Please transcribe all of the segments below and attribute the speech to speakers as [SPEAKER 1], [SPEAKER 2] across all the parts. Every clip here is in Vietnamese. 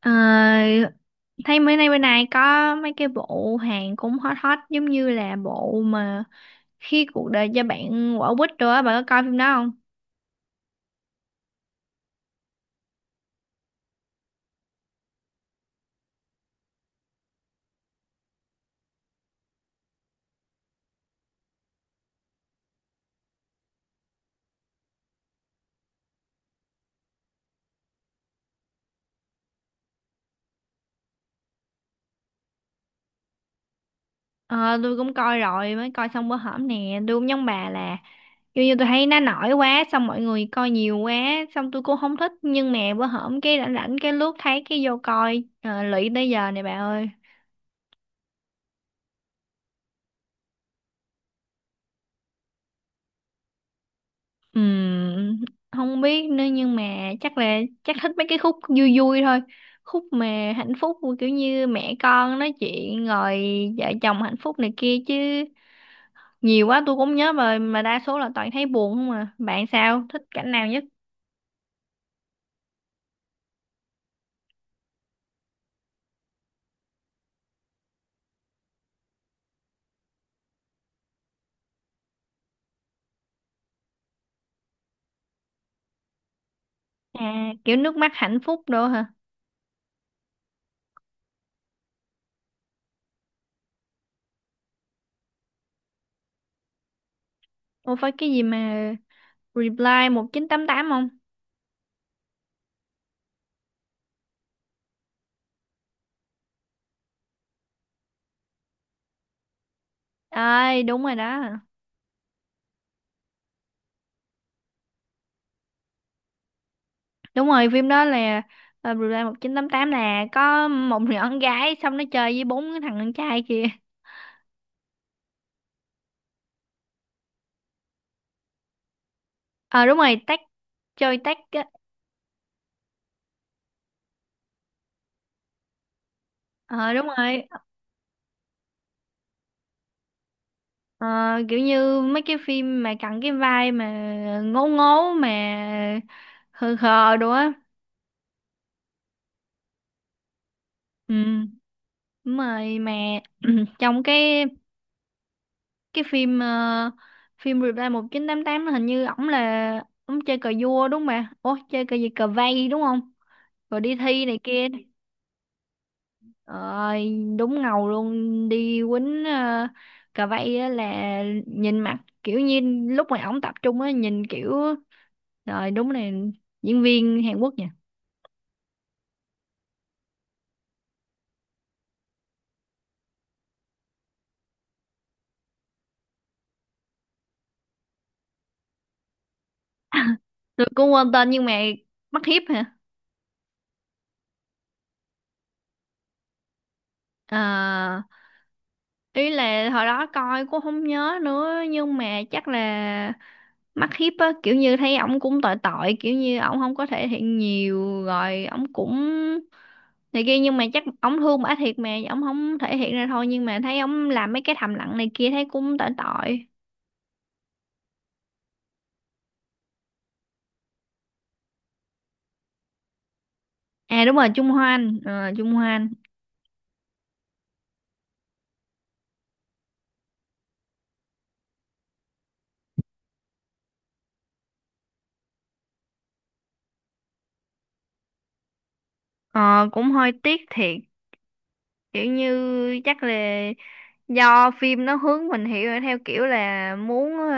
[SPEAKER 1] Ờ, Thấy mấy nay bên này có mấy cái bộ hàng cũng hot hot giống như là bộ mà khi cuộc đời cho bạn quả quýt rồi á, bạn có coi phim đó không? Ờ, tôi cũng coi rồi, mới coi xong bữa hổm nè. Tôi cũng giống bà là kiểu như tôi thấy nó nổi quá, xong mọi người coi nhiều quá, xong tôi cũng không thích, nhưng mà bữa hổm cái rảnh rảnh cái lướt thấy cái vô coi. Ờ, lụy tới giờ này bà ơi. Ừm, Không biết nữa, nhưng mà chắc là chắc thích mấy cái khúc vui vui thôi, khúc mà hạnh phúc kiểu như mẹ con nói chuyện rồi vợ chồng hạnh phúc này kia chứ nhiều quá tôi cũng nhớ rồi, mà đa số là toàn thấy buồn không à. Bạn sao, thích cảnh nào nhất? À, kiểu nước mắt hạnh phúc đồ hả? Ô, phải cái gì mà Reply 1988 không? Ơi, đúng rồi đó. Đúng rồi, phim đó là Reply 1988, là có một nhỏ con gái xong nó chơi với bốn cái thằng con trai kia. Ờ đúng rồi, tách chơi tách á. Ờ đúng rồi. Ờ, kiểu như mấy cái phim mà cặn cái vai mà ngố ngố mà khờ khờ đồ á. Ừ, đúng rồi, mà trong cái phim phim Reply 1988, nó hình như ổng chơi cờ vua đúng không bà? Ủa, chơi cờ gì, cờ vây đúng không? Rồi đi thi này kia. Ơi, đúng ngầu luôn đi quýnh cà vây á, là nhìn mặt kiểu như lúc mà ổng tập trung á, nhìn kiểu rồi đúng này, diễn viên Hàn Quốc nha. Tôi cũng quên tên nhưng mà mắt hiếp hả? À, ý là hồi đó coi cũng không nhớ nữa, nhưng mà chắc là mắt hiếp á, kiểu như thấy ổng cũng tội tội, kiểu như ổng không có thể hiện nhiều rồi ổng cũng này kia, nhưng mà chắc ổng thương bả thiệt mà ổng không thể hiện ra thôi, nhưng mà thấy ổng làm mấy cái thầm lặng này kia thấy cũng tội tội. À đúng rồi, Trung Hoan. Ờ, Cũng hơi tiếc thiệt, kiểu như chắc là do phim nó hướng mình hiểu theo kiểu là muốn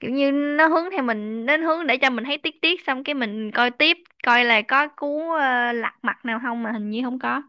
[SPEAKER 1] kiểu như nó hướng theo mình đến hướng để cho mình thấy tiếc tiếc, xong cái mình coi tiếp, coi là có cú lật mặt nào không, mà hình như không có.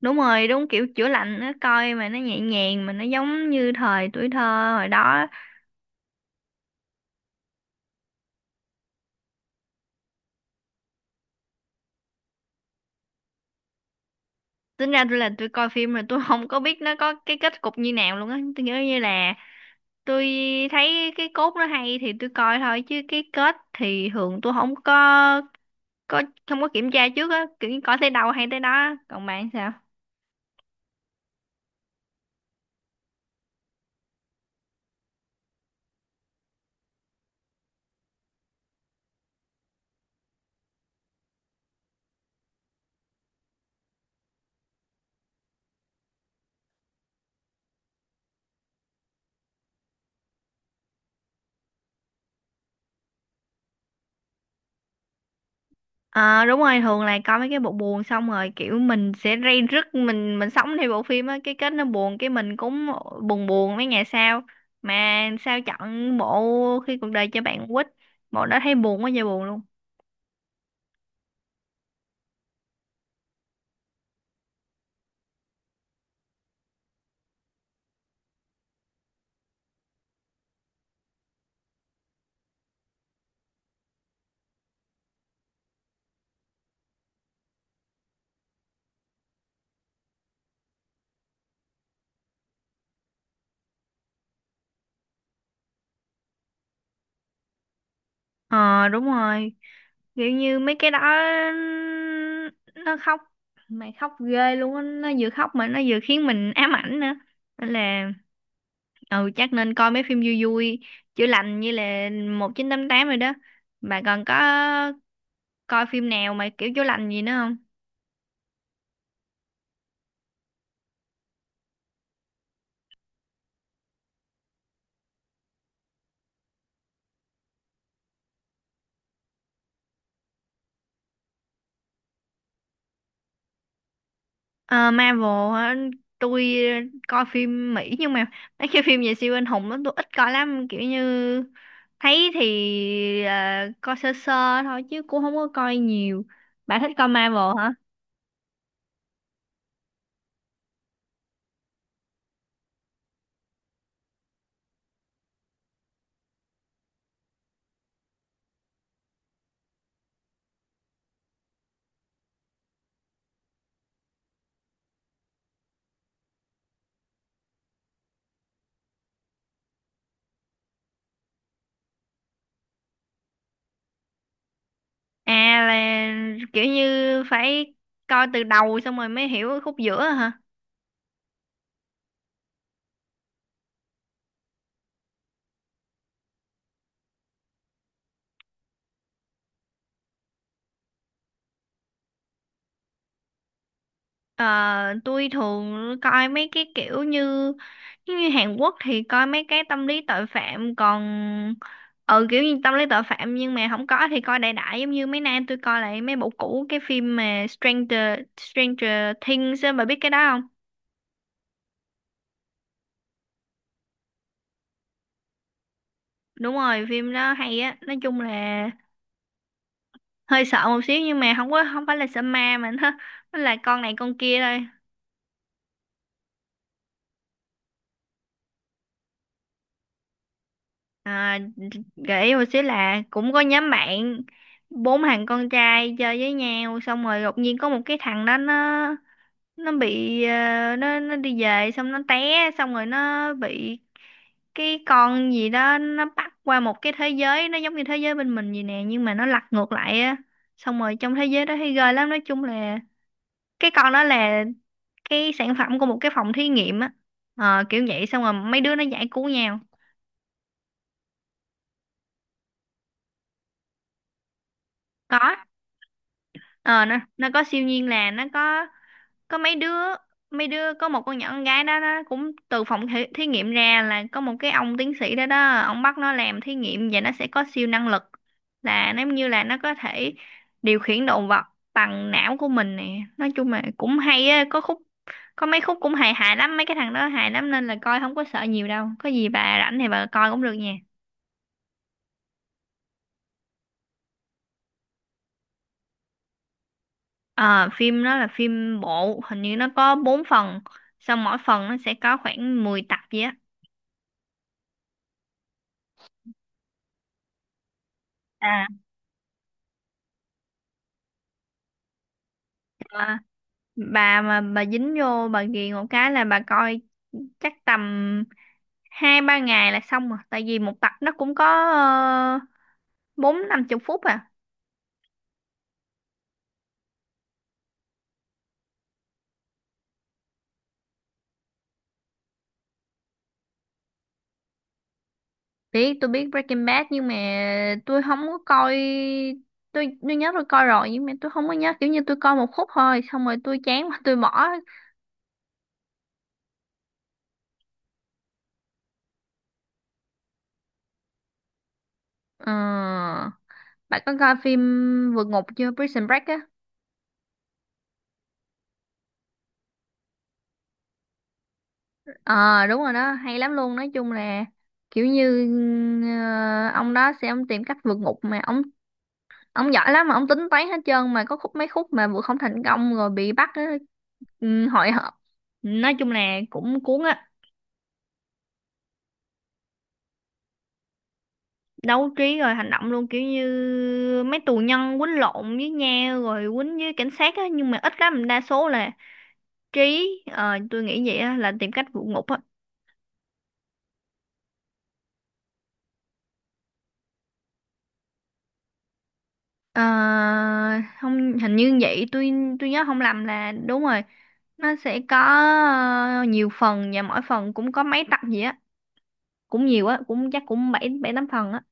[SPEAKER 1] Đúng rồi, đúng kiểu chữa lành, nó coi mà nó nhẹ nhàng mà nó giống như thời tuổi thơ hồi đó á. Tính ra tôi là tôi coi phim rồi tôi không có biết nó có cái kết cục như nào luôn á. Tôi nghĩ như là tôi thấy cái cốt nó hay thì tôi coi thôi, chứ cái kết thì thường tôi có không có kiểm tra trước á, kiểu như coi tới đâu hay tới đó á. Còn bạn sao? Ờ đúng rồi, thường là coi mấy cái bộ buồn xong rồi kiểu mình sẽ ray rứt, mình sống theo bộ phim á, cái kết nó buồn cái mình cũng buồn buồn mấy ngày sau. Mà sao chọn bộ khi cuộc đời cho bạn quýt, bộ đó thấy buồn quá trời buồn luôn. Ờ đúng rồi, kiểu như mấy cái đó nó khóc, mày khóc ghê luôn á, nó vừa khóc mà nó vừa khiến mình ám ảnh nữa, nên là ừ chắc nên coi mấy phim vui vui chữa lành như là 1988 rồi đó. Bà còn có coi phim nào mà kiểu chữa lành gì nữa không? Ờ, Marvel hả? Tôi coi phim Mỹ, nhưng mà mấy cái phim về siêu anh hùng đó tôi ít coi lắm, kiểu như thấy thì ờ, coi sơ sơ thôi chứ cũng không có coi nhiều. Bà thích coi Marvel hả? À, là kiểu như phải coi từ đầu xong rồi mới hiểu khúc giữa hả? Ờ, tôi thường coi mấy cái kiểu như giống như Hàn Quốc thì coi mấy cái tâm lý tội phạm, còn ừ kiểu như tâm lý tội phạm, nhưng mà không có thì coi đại đại, giống như mấy nay tôi coi lại mấy bộ cũ, cái phim mà Stranger Stranger Things á, bà biết cái đó không? Đúng rồi, phim đó hay á. Nói chung là hơi sợ một xíu, nhưng mà không có, không phải là sợ ma mà nó là con này con kia thôi. À, gợi ý một xíu là cũng có nhóm bạn bốn thằng con trai chơi với nhau, xong rồi đột nhiên có một cái thằng đó nó đi về, xong nó té, xong rồi nó bị cái con gì đó nó bắt qua một cái thế giới, nó giống như thế giới bên mình vậy nè nhưng mà nó lật ngược lại á. Xong rồi trong thế giới đó thấy ghê lắm. Nói chung là cái con đó là cái sản phẩm của một cái phòng thí nghiệm á. Ờ, kiểu vậy, xong rồi mấy đứa nó giải cứu nhau. Có, ờ nó có siêu nhiên, là nó có mấy đứa có một con nhỏ con gái đó nó cũng từ phòng thí nghiệm ra, là có một cái ông tiến sĩ đó đó ông bắt nó làm thí nghiệm và nó sẽ có siêu năng lực, là nếu như là nó có thể điều khiển động vật bằng não của mình nè. Nói chung là cũng hay á, có khúc có mấy khúc cũng hài hài lắm, mấy cái thằng đó hài lắm, nên là coi không có sợ nhiều đâu. Có gì bà rảnh thì bà coi cũng được nha. À, phim đó là phim bộ, hình như nó có 4 phần, xong mỗi phần nó sẽ có khoảng 10 tập vậy á. À, à, bà mà bà dính vô bà ghiền một cái là bà coi chắc tầm hai ba ngày là xong rồi, tại vì một tập nó cũng có ờ, bốn năm chục phút à. Biết, tôi biết Breaking Bad, nhưng mà tôi không có coi. Tôi nhớ tôi coi rồi, nhưng mà tôi không có nhớ, kiểu như tôi coi một khúc thôi xong rồi tôi chán quá tôi bỏ. Ờ. Bạn có coi phim Vượt Ngục chưa? Prison Break á. Ờ đúng rồi đó, hay lắm luôn. Nói chung là kiểu như ông đó sẽ ông tìm cách vượt ngục, mà ông giỏi lắm, mà ông tính toán hết trơn, mà có khúc mấy khúc mà vượt không thành công rồi bị bắt á, ừ, hội họp. Nói chung là cũng cuốn á. Đấu trí rồi hành động luôn, kiểu như mấy tù nhân quýnh lộn với nhau rồi quýnh với cảnh sát á, nhưng mà ít lắm, đa số là trí. Ờ, tôi nghĩ vậy á, là tìm cách vượt ngục á. Ờ, không, hình như vậy. Tôi nhớ không lầm là đúng rồi, nó sẽ có ờ, nhiều phần, và mỗi phần cũng có mấy tập gì á, cũng nhiều á, cũng chắc cũng bảy bảy tám phần á.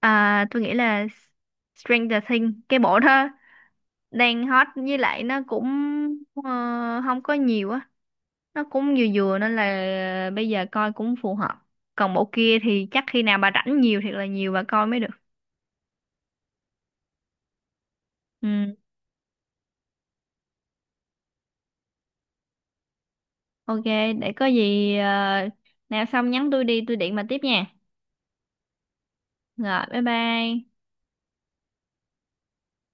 [SPEAKER 1] À, tôi nghĩ là Stranger Things, cái bộ đó đang hot, với lại nó cũng không có nhiều á, nó cũng vừa vừa, nên là bây giờ coi cũng phù hợp. Còn bộ kia thì chắc khi nào bà rảnh nhiều thiệt là nhiều bà coi mới được. Ừ. Ok, để có gì nào xong nhắn tôi đi, tôi điện bà tiếp nha. Rồi, bye bye.